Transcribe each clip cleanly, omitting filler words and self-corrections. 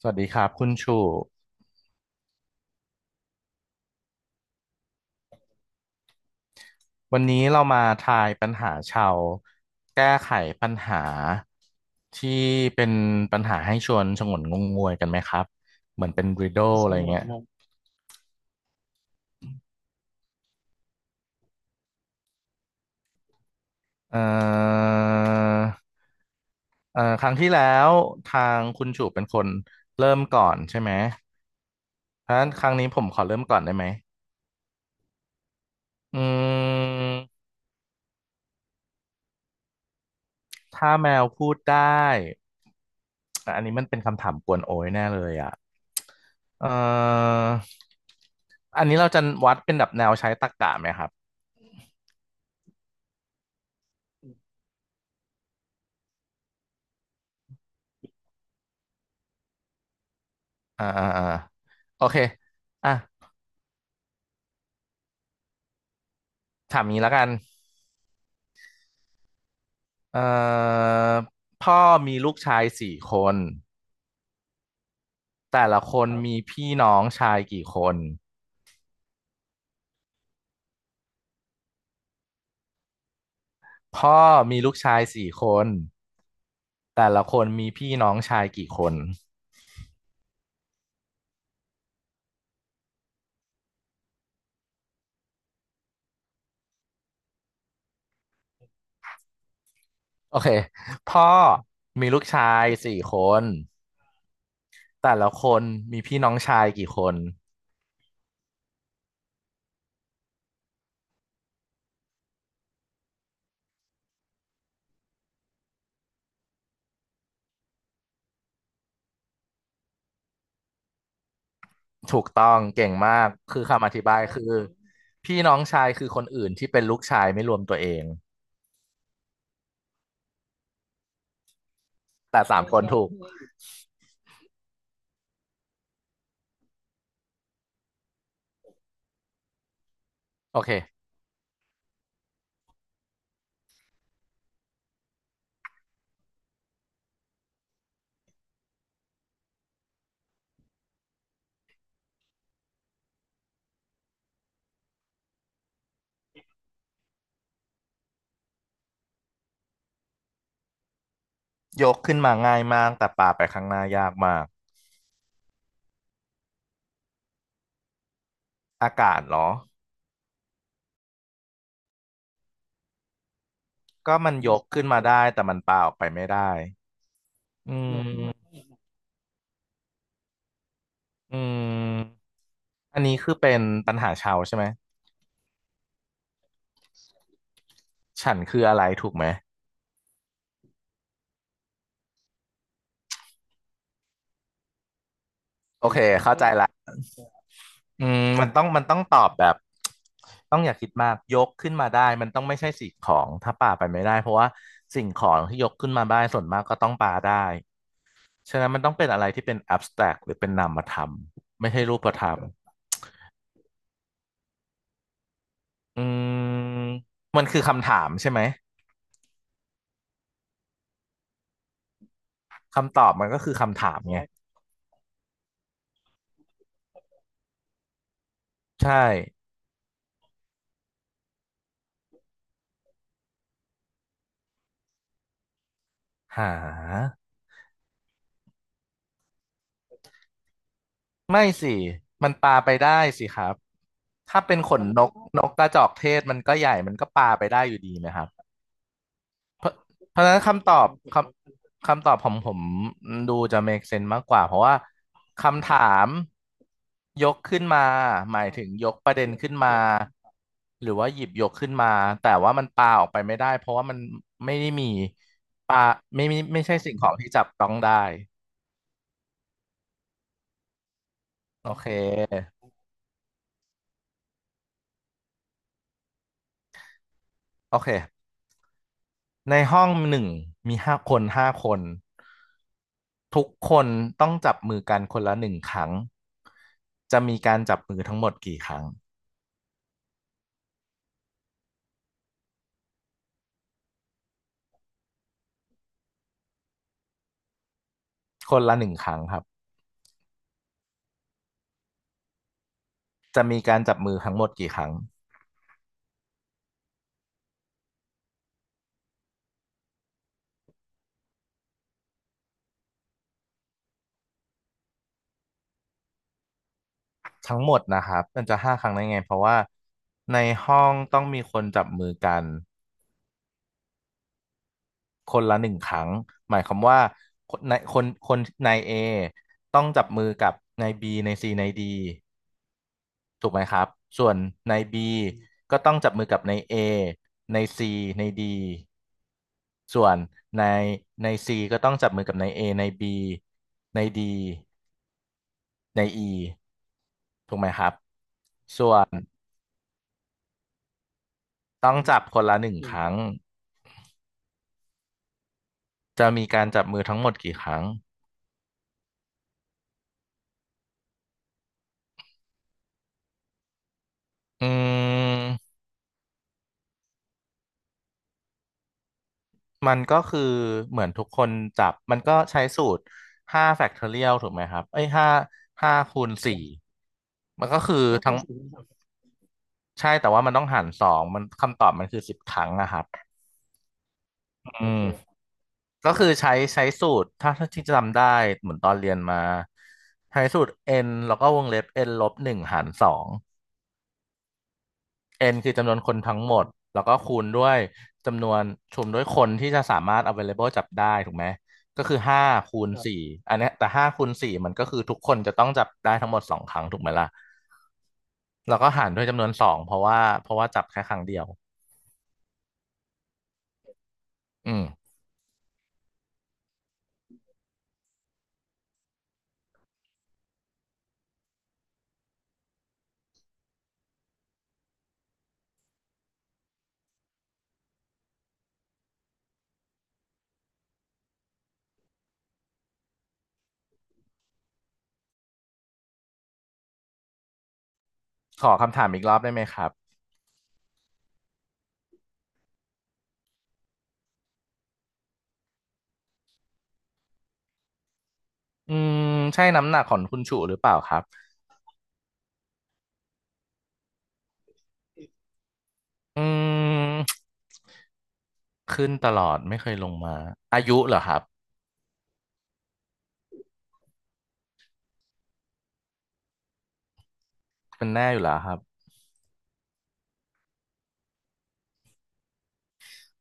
สวัสดีครับคุณชูวันนี้เรามาทายปัญหาชาวแก้ไขปัญหาที่เป็นปัญหาให้ชวนฉงนงงงวยกันไหมครับเหมือนเป็นริด d ด e อะไรเงี้ยเอ่อครั้งที่แล้วทางคุณชูเป็นคนเริ่มก่อนใช่ไหมเพราะฉะนั้นครั้งนี้ผมขอเริ่มก่อนได้ไหมอืมถ้าแมวพูดได้ แอันนี้มันเป็นคำถามกวนโอ้ยแน่เลยอ่ะเอ่ออันนี้เราจะวัดเป็นแบบแนวใช้ตรรกะไหมครับอ่าอ่าอ่าโอเคอ่ะถามนี้แล้วกันเอ่อพ่อมีลูกชายสี่คนแต่ละคนมีพี่น้องชายกี่คน พ่อมีลูกชายสี่คนแต่ละคนมีพี่น้องชายกี่คนโอเคพ่อมีลูกชายสี่คนแต่ละคนมีพี่น้องชายกี่คน ถูกต้องเก่งมากคือคำอธิบายคือพี่น้องชายคือคนอื่นที่เป็นลูกชายไม่รวมตัวเองแต่สามคนถูกโอเคยกขึ้นมาง่ายมากแต่ปาไปข้างหน้ายากมากอากาศเหรอก็มันยกขึ้นมาได้แต่มันปาออกไปไม่ได้อืมอืมอันนี้คือเป็นปัญหาชาวใช่ไหมฉันคืออะไรถูกไหมโอเคเข้าใจละ อืมมันต้องตอบแบบต้องอย่าคิดมากยกขึ้นมาได้มันต้องไม่ใช่สิ่งของถ้าป่าไปไม่ได้เพราะว่าสิ่งของที่ยกขึ้นมาได้ส่วนมากก็ต้องปาได้ฉะนั้นมันต้องเป็นอะไรที่เป็น abstract หรือเป็นนามธรรมไม่ใช่รูปธรรมอืมมันคือคำถามใช่ไหมคำตอบมันก็คือคำถามไงใช่หาไม่สิมันปาไปได้สิครับถ้าเป็นขนนกนกกระจอกเทศมันก็ใหญ่มันก็ปาไปได้อยู่ดีนะครับ เพราะเพราะฉะนั้นคำตอบคคำตอบผมดูจะ make sense มากกว่าเพราะว่าคำถามยกขึ้นมาหมายถึงยกประเด็นขึ้นมาหรือว่าหยิบยกขึ้นมาแต่ว่ามันปาออกไปไม่ได้เพราะว่ามันไม่ได้มีปาไม่ไมีไม่ใช่สิ่งของที่จับต้องได้โอเคโอเค ในห้องหนึ่งมีห้าคนห้าคนทุกคนต้องจับมือกันคนละหนึ่งครั้งจะมีการจับมือทั้งหมดกี่ครั้งคนละหนึ่งครั้งครับจะมีการจับมือทั้งหมดกี่ครั้งทั้งหมดนะครับมันจะห้าครั้งได้ไงเพราะว่าในห้องต้องมีคนจับมือกันคนละหนึ่งครั้งหมายความว่าคนนายเอต้องจับมือกับนายบีนายซีนายดี ถูกไหมครับส่วนใน B ก็ต้องจับมือกับใน A ใน C ใน D ส่วนในใน C ก็ต้องจับมือกับใน A ใน B ใน D ใน E ถูกไหมครับส่วนต้องจับคนละหนึ่งอืคมรั้งจะมีการจับมือทั้งหมดกี่ครั้งอืมมันก็คือเหมือนทุกคนจับมันก็ใช้สูตรห้าแฟกทอเรียลถูกไหมครับเอ้ยห้าคูณสี่มันก็คือทั้ง ใช่แต่ว่ามันต้องหารสองมันคำตอบมันคือ10 ครั้งอะครับอืมคก็คือใช้สูตรถ้าที่จำได้เหมือนตอนเรียนมาใช้สูตร n แล้วก็วงเล็บ n ลบหนึ่งหารสอง n คือจำนวนคนทั้งหมดแล้วก็คูณด้วยจำนวนชุมด้วยคนที่จะสามารถ available จับได้ถูกไหมก็คือห้าคูณสี่อันเนี้ยแต่ห้าคูณสี่มันก็คือทุกคนจะต้องจับได้ทั้งหมดสองครั้งถูกไหมล่ะแล้วก็หารด้วยจำนวนสองเพราะว่าจับแค่ครั้งเดียวอืม ขอคำถามอีกรอบได้ไหมครับอืมใช่น้ำหนักของคุณชูหรือเปล่าครับอืมขึ้นตลอดไม่เคยลงมาอายุเหรอครับเป็นแน่อยู่แล้วครับ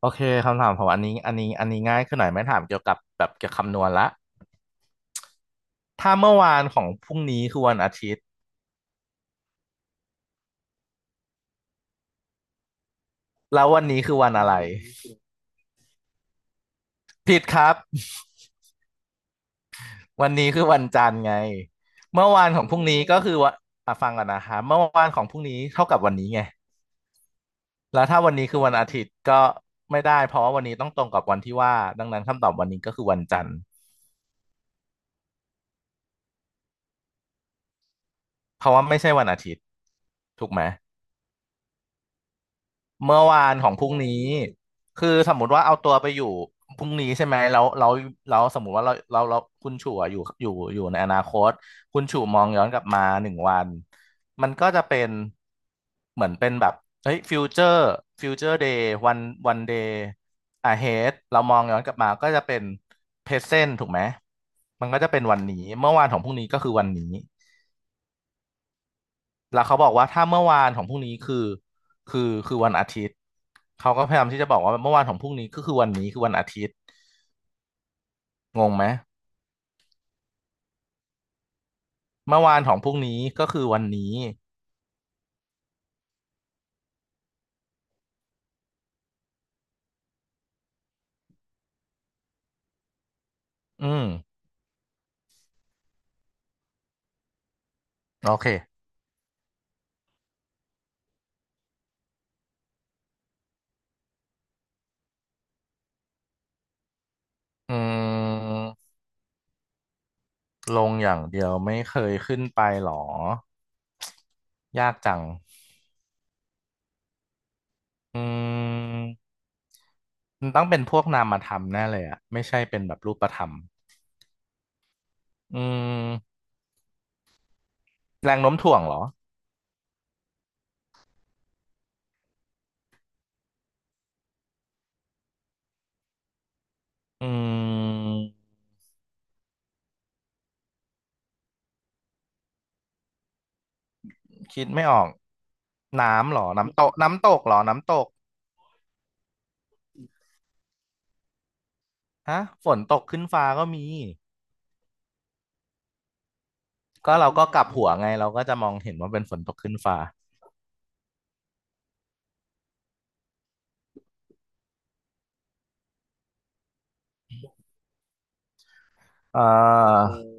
โอเคคำถามของอันนี้ง่ายขึ้นหน่อยไม่ถามเกี่ยวกับคำนวณละถ้าเมื่อวานของพรุ่งนี้คือวันอาทิตย์แล้ววันนี้คือวันอะไรผิดครับวันนี้คือวันจันทร์ไง เมื่อวานของพรุ่งนี้ก็คือว่าอ่ะฟังก่อนนะคะเมื่อวานของพรุ่งนี้เท่ากับวันนี้ไง แล้วถ้าวันนี้คือวันอาทิตย์ก็ไม่ได้เพราะว่าวันนี้ต้องตรงกับวันที่ว่าดังนั้นคำตอบวันนี้ก็คือวันจันทร์เพราะว่าไม่ใช่วันอาทิตย์ถูกไหม เมื่อวานของพรุ่งนี้คือสมมุติว่าเอาตัวไปอยู่พรุ่งนี้ใช่ไหมแล้วสมมุติว่าเราคุณชู่อะอยู่ในอนาคตคุณชู่มองย้อนกลับมาหนึ่งวันมันก็จะเป็นเหมือนเป็นแบบเฮ้ยฟิวเจอร์เดย์วันเดย์อะเฮดเรามองย้อนกลับมาก็จะเป็นเพรเซนต์ถูกไหมมันก็จะเป็นวันนี้เมื่อวานของพรุ่งนี้ก็คือวันนี้ แล้วเขาบอกว่าถ้าเมื่อวานของพรุ่งนี้คือคือวันอาทิตย์เขาก็พยายามที่จะบอกว่าเมื่อวานของพรุ่งนี้ก็คือวันนี้คือวันอาทิตย์งงไหมเมื่อวานของพรุ่งนี้ก็คือวันนี้อืมโอเคอืมลงอย่างเดียวไม่เคยขึ้นไปหรอยากจังอืมมันต้องเป็นพวกนามธรรมแน่เลยอะไม่ใช่เป็นแบบรูปธรรมอืมแรงโน้มถ่วงเหรออืมคิดไม่ออกน้ำเหรอน้ำตกน้ำตกเหรอน้ำตก ฮะฝนตกขึ้นฟ้าก็มีก็เราอืก็กลับหัวมไงเราก็จะมองเห็นว่าเป็นฝนตกขึ้นฟ้าเอ่อโอ้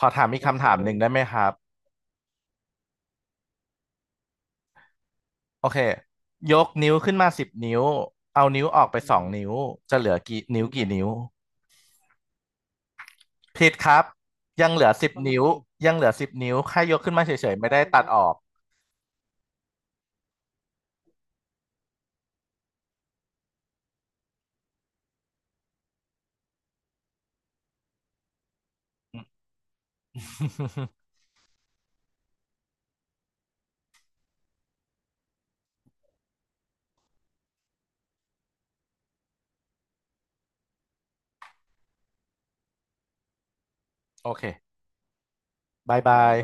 ขอถามอีกคำถามหนึ่งได้ไหมครับโอเคยกนิ้วขึ้นมาสิบนิ้วเอานิ้วออกไปสองนิ้วจะเหลือกี่นิ้วกี่นิ้วผิดครับยังเหลือ10 ต้องนิ้วยังเหลือสิบนิ้วแค่ยกขึ้นมาเฉยๆไม่ได้ตองตัดนับออก โอเคบายบาย